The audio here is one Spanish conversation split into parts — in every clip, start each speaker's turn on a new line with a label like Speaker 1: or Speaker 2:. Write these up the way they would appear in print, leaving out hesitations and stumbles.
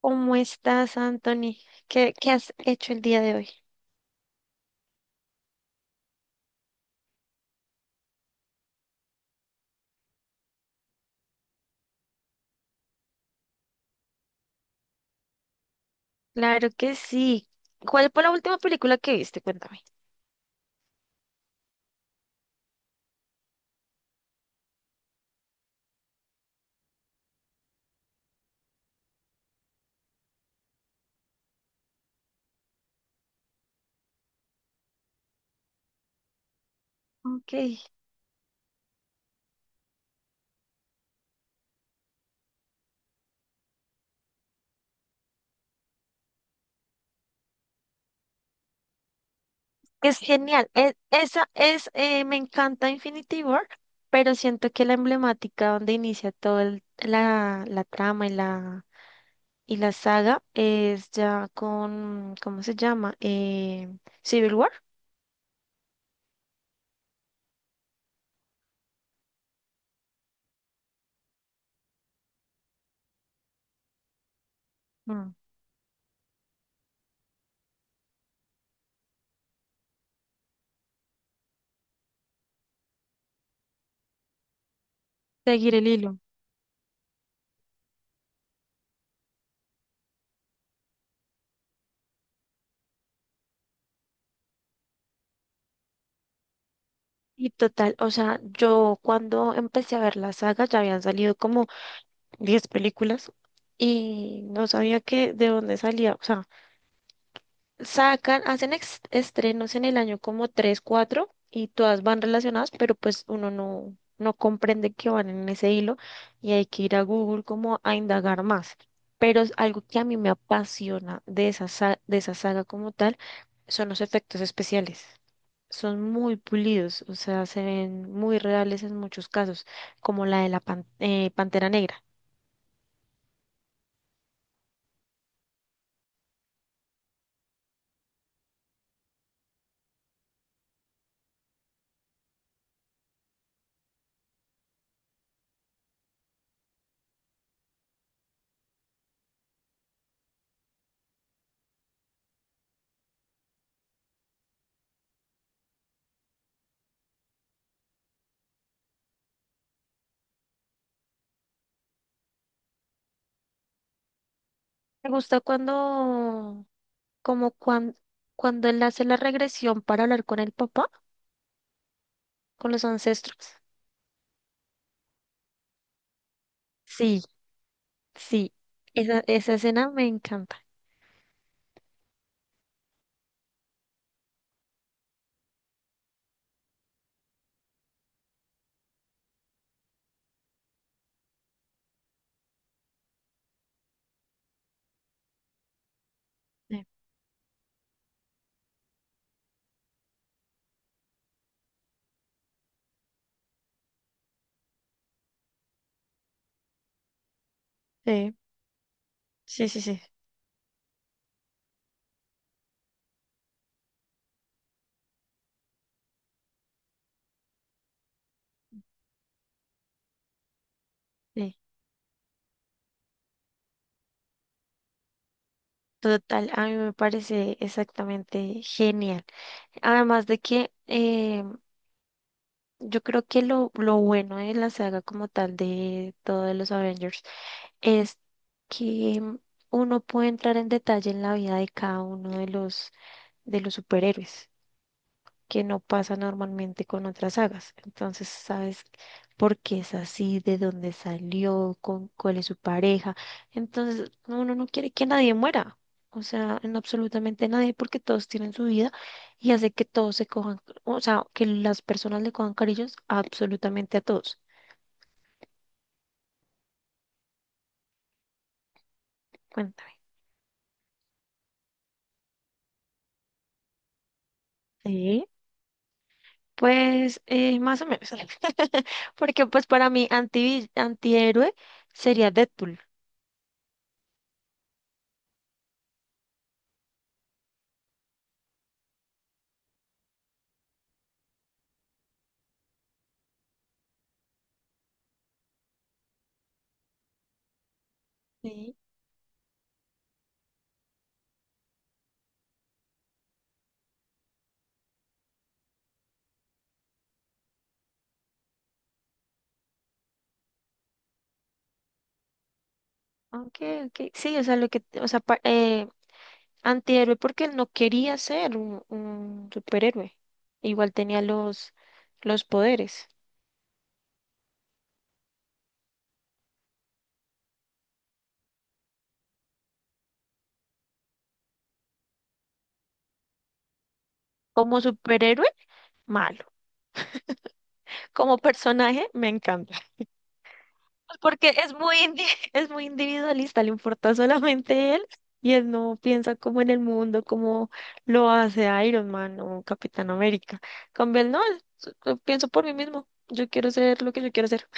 Speaker 1: ¿Cómo estás, Anthony? ¿Qué has hecho el día de hoy? Claro que sí. ¿Cuál fue la última película que viste? Cuéntame. Ok. Es genial. Esa es, me encanta Infinity War, pero siento que la emblemática donde inicia toda la trama y la saga es ya con, ¿cómo se llama? Civil War. Mm. Seguir el hilo. Y total, o sea, yo cuando empecé a ver la saga ya habían salido como 10 películas y no sabía que de dónde salía. O sea, sacan, hacen estrenos en el año como 3 4 y todas van relacionadas, pero pues uno no comprende que van en ese hilo y hay que ir a Google como a indagar más. Pero es algo que a mí me apasiona de de esa saga como tal son los efectos especiales. Son muy pulidos, o sea, se ven muy reales en muchos casos, como la de la Pantera Negra. Me gusta como cuando, cuando él hace la regresión para hablar con el papá, con los ancestros. Sí, sí, esa escena me encanta. Sí, sí, sí, sí, sí. Sí, total, a mí me parece exactamente genial. Además de que yo creo que lo bueno de la saga como tal de todos los Avengers es que uno puede entrar en detalle en la vida de cada uno de de los superhéroes, que no pasa normalmente con otras sagas. Entonces, sabes por qué es así, de dónde salió, con cuál es su pareja. Entonces, uno no quiere que nadie muera. O sea, en absolutamente nadie, porque todos tienen su vida y hace que todos se cojan, o sea, que las personas le cojan cariños absolutamente a todos. Cuéntame. Sí. Pues más o menos. Porque pues para mí antihéroe sería Deadpool. Sí. Okay, okay. Sí, o sea, lo que, o sea, pa- antihéroe porque él no quería ser un superhéroe. Igual tenía los poderes. Como superhéroe, malo. Como personaje, me encanta. Pues porque es es muy individualista, le importa solamente él y él no piensa como en el mundo, como lo hace Iron Man o Capitán América. Con él no, él, yo pienso por mí mismo. Yo quiero ser lo que yo quiero ser.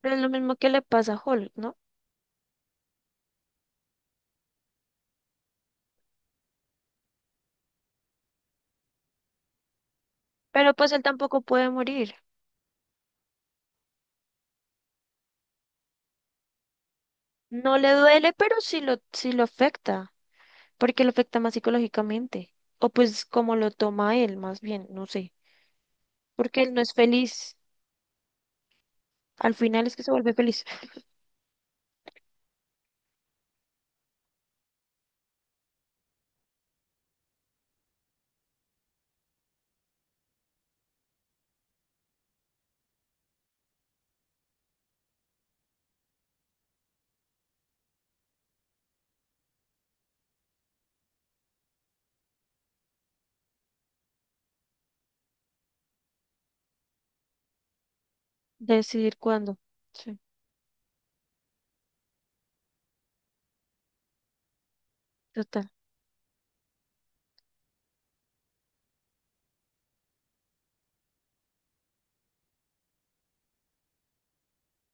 Speaker 1: Pero es lo mismo que le pasa a Hulk, ¿no? Pero pues él tampoco puede morir. No le duele, pero sí lo afecta, porque lo afecta más psicológicamente. O pues como lo toma él, más bien, no sé. Porque él no es feliz. Al final es que se vuelve feliz. Decidir cuándo. Sí, total.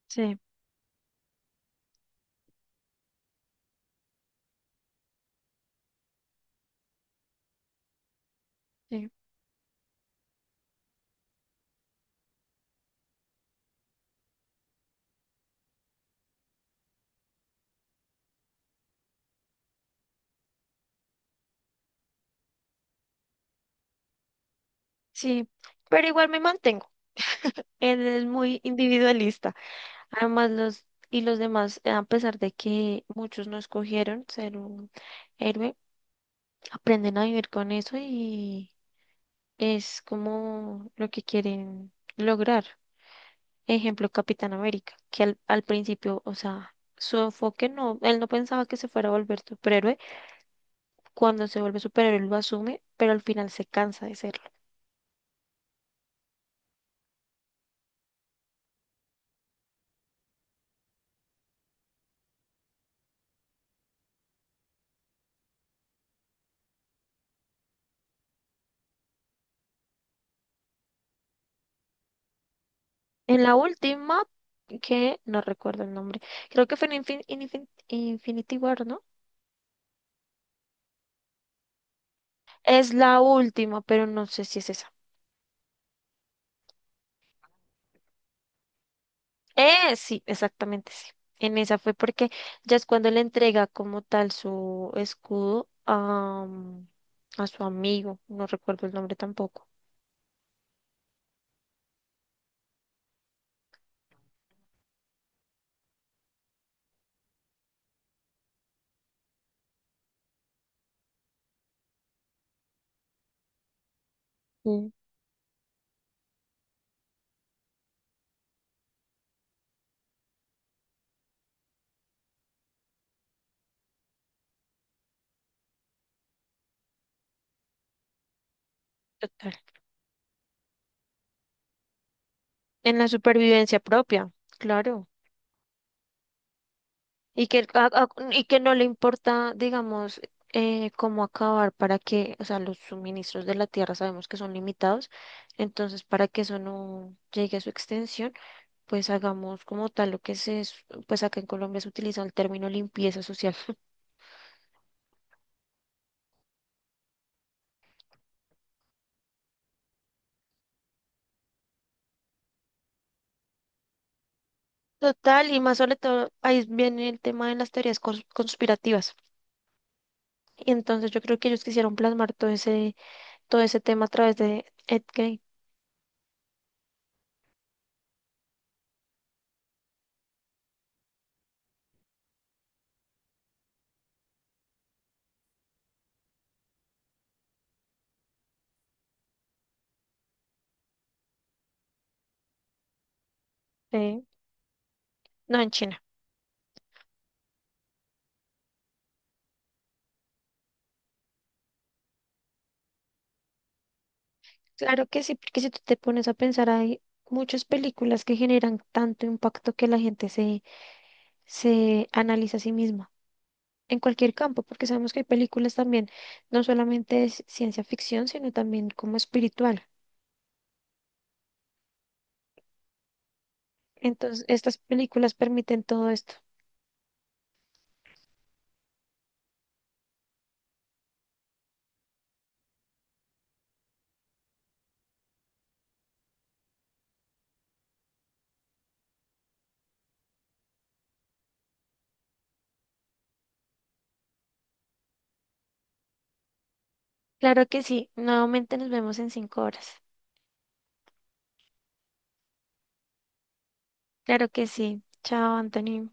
Speaker 1: Sí, sí, sí. Pero igual me mantengo. Él es muy individualista. Además, los demás, a pesar de que muchos no escogieron ser un héroe, aprenden a vivir con eso y es como lo que quieren lograr. Ejemplo, Capitán América, que al principio, o sea, su enfoque no, él no pensaba que se fuera a volver superhéroe. Cuando se vuelve superhéroe lo asume, pero al final se cansa de serlo. En la última, que no recuerdo el nombre, creo que fue en Infinity War, ¿no? Es la última, pero no sé si es esa. Sí, exactamente, sí. En esa fue porque ya es cuando le entrega como tal su escudo a, mm, a su amigo, no recuerdo el nombre tampoco. Mm. Total. En la supervivencia propia, claro. Y que, y que no le importa, digamos, cómo acabar para que, o sea, los suministros de la tierra sabemos que son limitados, entonces para que eso no llegue a su extensión, pues hagamos como tal lo que se, es- pues acá en Colombia se utiliza el término limpieza social. Total, y más sobre todo, ahí viene el tema de las teorías conspirativas. Y entonces yo creo que ellos quisieron plasmar todo todo ese tema a través de Ed Gein. Eh, no, en China. Claro que sí, porque si tú te pones a pensar, hay muchas películas que generan tanto impacto que la gente se analiza a sí misma en cualquier campo, porque sabemos que hay películas también, no solamente de ciencia ficción, sino también como espiritual. Entonces, estas películas permiten todo esto. Claro que sí, nuevamente nos vemos en 5 horas. Claro que sí. Chao, Anthony.